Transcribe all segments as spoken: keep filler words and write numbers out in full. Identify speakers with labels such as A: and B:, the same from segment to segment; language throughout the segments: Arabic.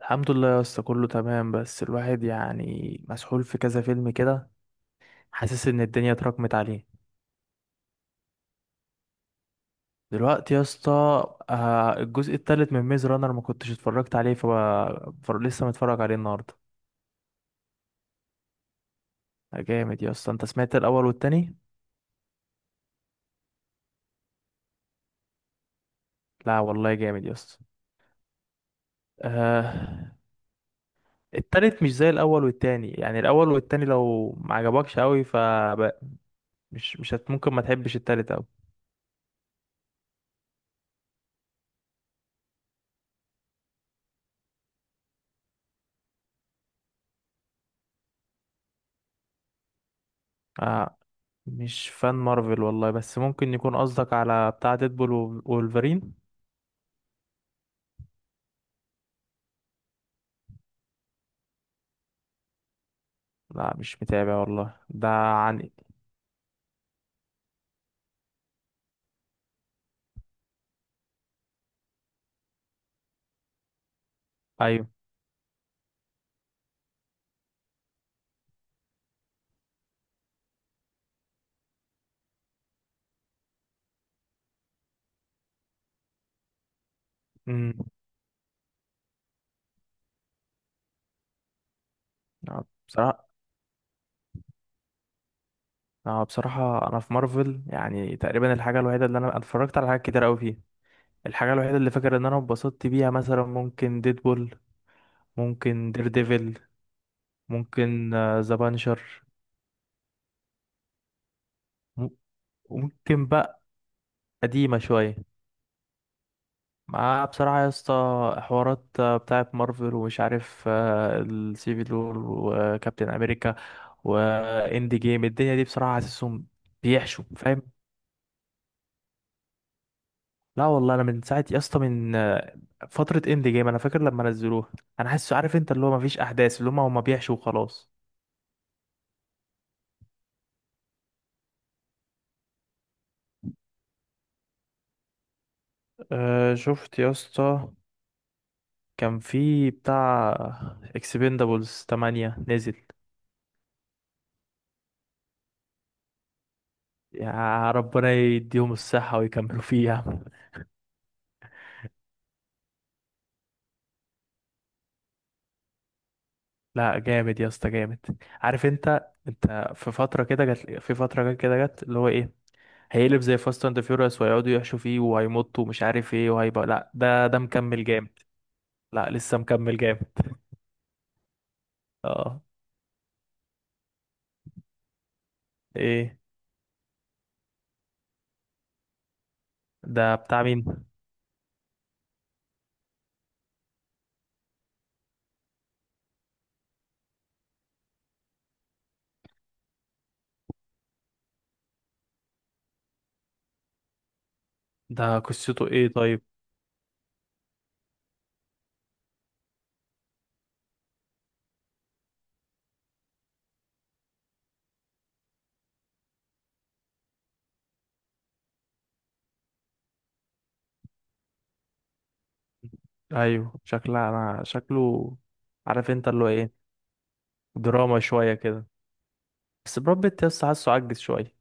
A: الحمد لله يا اسطى، كله تمام. بس الواحد يعني مسحول في كذا فيلم كده، حاسس ان الدنيا اتراكمت عليه. دلوقتي يا اسطى، آه، الجزء التالت من ميز رانر ما كنتش اتفرجت عليه، ف... ف... لسه متفرج عليه النهارده. آه، جامد يا اسطى. انت سمعت الاول والتاني؟ لا والله جامد يا اسطى. آه... التالت مش زي الاول والتاني. يعني الاول والتاني لو ما عجبكش قوي، ف مش مش هت ممكن ما تحبش التالت أوي. آه مش فان مارفل والله، بس ممكن يكون قصدك على بتاع ديدبول و- وولفرين. لا مش متابع والله ده عن. ايوه. امم آه بصراحه، آه بصراحه انا في مارفل يعني تقريبا الحاجه الوحيده اللي انا اتفرجت على حاجات كتير قوي فيه. الحاجه الوحيده اللي فاكر ان انا اتبسطت بيها مثلا ممكن ديدبول، ممكن دير ديفل، ممكن ذا بانشر، ممكن بقى قديمة شوية. مع بصراحة يا اسطى، حوارات آه، بتاعة مارفل ومش عارف، آه، السيفل وور وكابتن أمريكا وإند جيم، الدنيا دي بصراحة حاسسهم بيحشوا، فاهم. لا والله، أنا من ساعة يا اسطى، من آه، فترة إند جيم أنا فاكر لما نزلوها. أنا حاسس، عارف أنت اللي هو مفيش أحداث، اللي هما هما بيحشوا وخلاص. أه شفت يا اسطى، كان في بتاع اكسبندابلز تمانية نزل. يا ربنا يديهم الصحة ويكملوا فيها. لا جامد يا اسطى، جامد. عارف انت انت في فترة كده جت، في فترة جت كده جت اللي هو ايه، هيقلب زي فاست اند فيوريوس ويقعدوا يحشوا فيه وهيمطوا ومش عارف ايه وهيبقى لا. ده ده مكمل جامد. لا لسه مكمل جامد. اه. ايه؟ ده بتاع مين؟ ده قصته ايه طيب؟ ايوه، شكلها انا شكله، عارف انت اللي هو ايه. دراما شوية كده، بس براد بيت يا اسطى حاسه عجز شوية.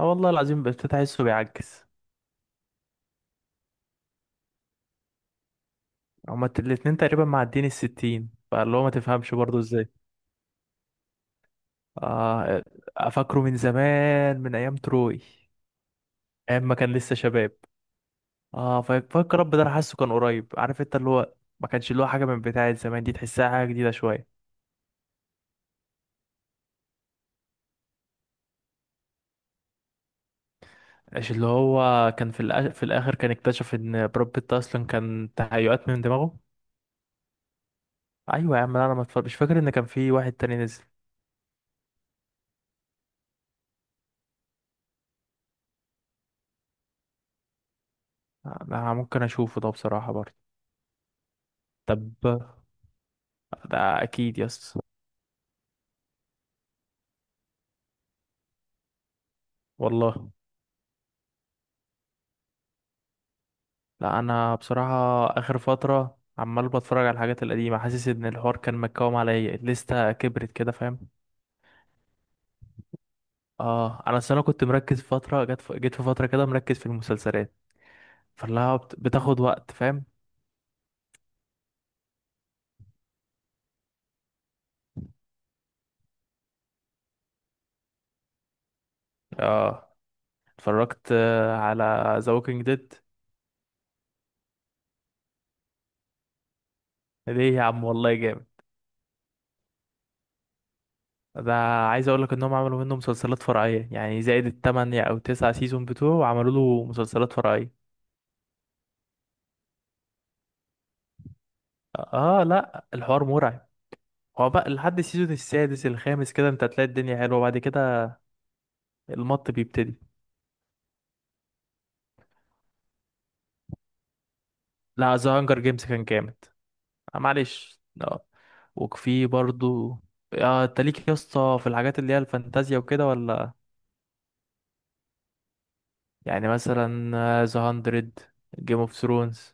A: اه والله العظيم بقيت تحسه بيعجز. هما الت- الاتنين تقريبا معديين الستين، فاللي هو ما تفهمش برضه ازاي. اه. افكره من زمان من ايام تروي، ايام ما كان لسه شباب. اه فاك رب، ده انا حاسه كان قريب، عارف انت اللي هو. ما كانش اللي هو حاجه من بتاعه زمان، دي تحسها حاجه جديده شويه. مش اللي هو كان في الأ... في الاخر كان اكتشف ان براد بيت اصلا كان تهيؤات من دماغه. ايوه يا عم. لا، انا ما اتفرج- مش فاكر ان كان في واحد تاني نزل. انا ممكن اشوفه ده بصراحه برضه. طب، ده اكيد يس. والله. لا انا بصراحه اخر فتره عمال بتفرج على الحاجات القديمه، حاسس ان الحوار كان مكوم عليا، الليسته كبرت كده فاهم. اه، انا أصل انا كنت مركز فتره جت، ف... جيت في فتره كده مركز في المسلسلات، فاللي بت... بتاخد وقت فاهم. اه اتفرجت آه، على ذا ووكينج ديد. ليه يا عم والله جامد. ده عايز اقول لك انهم عملوا منه مسلسلات فرعيه، يعني زائد التمانية او تسعة سيزون بتوعه عملوا له مسلسلات فرعيه. اه لا الحوار مرعب. هو بقى لحد السيزون السادس الخامس كده انت هتلاقي الدنيا حلوه، بعد كده المط بيبتدي. لا ذا هانجر جيمز كان جامد. آه، معلش اه. وفي برضو. اه انت ليك يا اسطى في الحاجات اللي هي الفانتازيا وكده ولا؟ يعني مثلا آه، ذا هاندرد، جيم اوف ثرونز.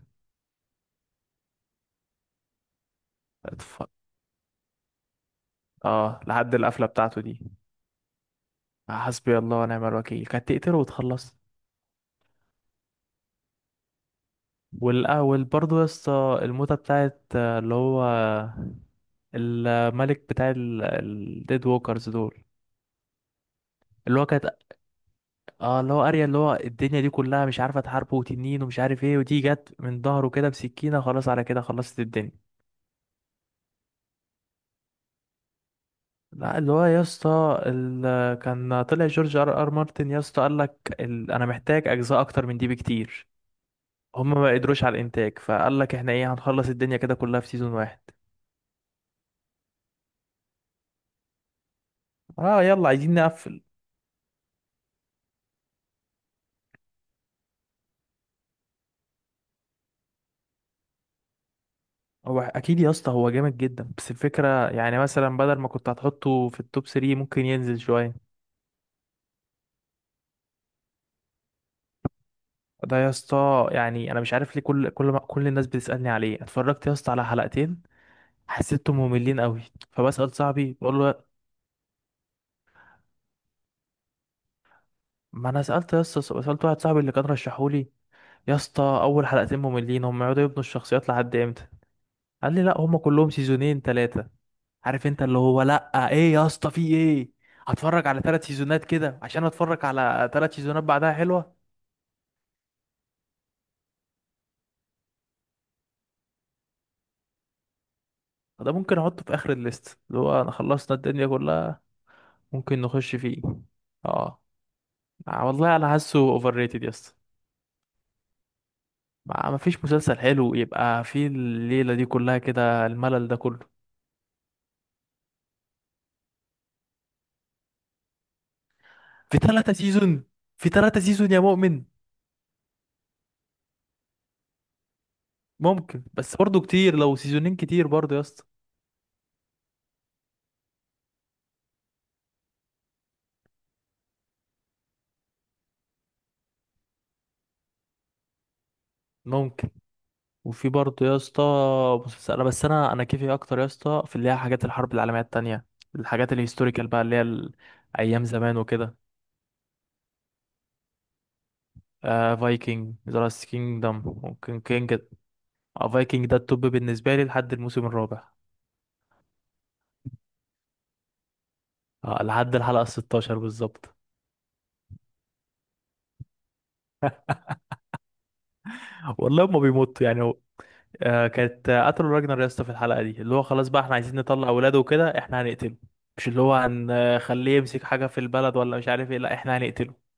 A: اه لحد القفله بتاعته دي، حسبي الله ونعم الوكيل، كانت تقتله وتخلص. والاول برضو يا اسطى، الموتة بتاعت آه، اللي هو الملك بتاع الديد ووكرز دول، اللي هو كانت، اه اللي هو اريا اللي هو الدنيا دي كلها مش عارفه تحاربه وتنين ومش عارف ايه، ودي جت من ظهره كده بسكينه، خلاص على كده خلصت الدنيا. لا اللي هو يا اسطى، ال- كان طلع جورج ار ار مارتن يا اسطى قال لك، ال... انا محتاج اجزاء اكتر من دي بكتير. هما ما قدروش على الانتاج، فقال لك احنا ايه، هنخلص الدنيا كده كلها في سيزون واحد. اه يلا عايزين نقفل. هو اكيد يا اسطى، هو جامد جدا، بس الفكره يعني مثلا بدل ما كنت هتحطه في التوب ثلاثة، ممكن ينزل شويه. ده يا اسطى، يعني انا مش عارف ليه كل كل ما كل الناس بتسالني عليه، اتفرجت يا اسطى على حلقتين، حسيتهم مملين قوي. فبسال صاحبي بقول له، ما انا سالت يا اسطى، سالت واحد صاحبي اللي كان رشحولي، يا اسطى اول حلقتين مملين، هم يقعدوا يبنوا الشخصيات لحد امتى؟ قال لي لا هم كلهم سيزونين ثلاثه. عارف انت اللي هو، لا ايه يا اسطى في ايه، هتفرج على ثلاث سيزونات كده عشان اتفرج على ثلاث سيزونات بعدها حلوه؟ ده ممكن احطه في اخر الليست اللي هو انا خلصنا الدنيا كلها، ممكن نخش فيه. اه. آه، والله انا حاسه اوفر ريتد يا اسطى. ما ما فيش مسلسل حلو يبقى فيه الليله دي كلها كده الملل ده كله. في ثلاثة سيزون، في ثلاثة سيزون يا مؤمن. ممكن، بس برضو كتير، لو سيزونين كتير برضو يا اسطى. ممكن. وفي برضو يا اسطى مسلسل، بس انا انا كيفي اكتر يا اسطى في اللي هي حاجات الحرب العالميه التانية، الحاجات الهيستوريكال بقى، اللي هي ال- ايام زمان وكده. آه فايكنج، ذا لاست كينجدم، ممكن كينج. آه فايكنج ده التوب بالنسبه لي لحد الموسم الرابع، آه، لحد الحلقة ستاشر بالظبط. والله هما بيموتوا يعني، هو آه كانت آه، قتلوا راجنر يا اسطى في الحلقة دي، اللي هو خلاص بقى احنا عايزين نطلع اولاده وكده احنا هنقتله. مش اللي هو هنخليه يمسك حاجة في البلد ولا مش عارف ايه، لا احنا هنقتله.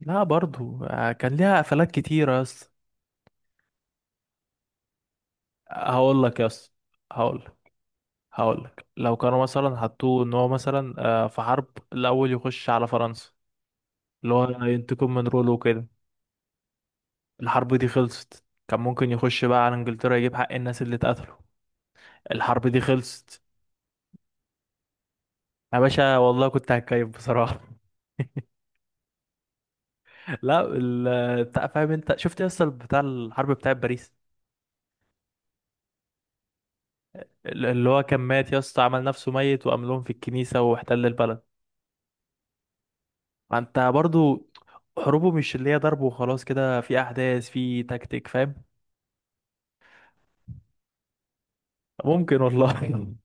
A: لا برضو، آه كان ليها قفلات كتيرة يا اسطى. هقول لك يا اسطى. هقول لك. هقول لك، لو كانوا مثلا حطوه ان هو مثلا آه في حرب الاول يخش على فرنسا، اللي هو ينتقم من رولو وكده، الحرب دي خلصت كان ممكن يخش بقى على انجلترا يجيب حق الناس اللي اتقتلوا. الحرب دي خلصت. يا باشا والله كنت هتكيف بصراحة. لا ال بتاع- فاهم، انت شفت يا اسطى بتاع الحرب بتاع باريس، ال- اللي هو كان مات يا اسطى عمل نفسه ميت، وقام لهم في الكنيسة واحتل البلد. فانت برضو حروبه مش اللي هي ضرب وخلاص كده، في احداث، في تكتيك فاهم. ممكن والله.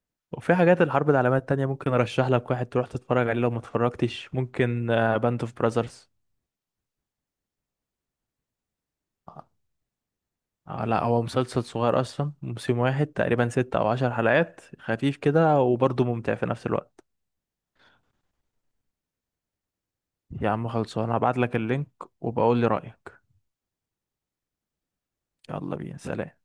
A: وفي حاجات الحرب العالمية التانية ممكن ارشح لك واحد تروح تتفرج عليه لو ما اتفرجتش، ممكن باند اوف براذرز. آه لا هو مسلسل صغير اصلا، موسم واحد تقريبا ستة او عشر حلقات، خفيف كده وبرضه ممتع في نفس الوقت. يا عم خلصوا، انا هبعت لك اللينك، وبقول لي رأيك. يلا بينا، سلام.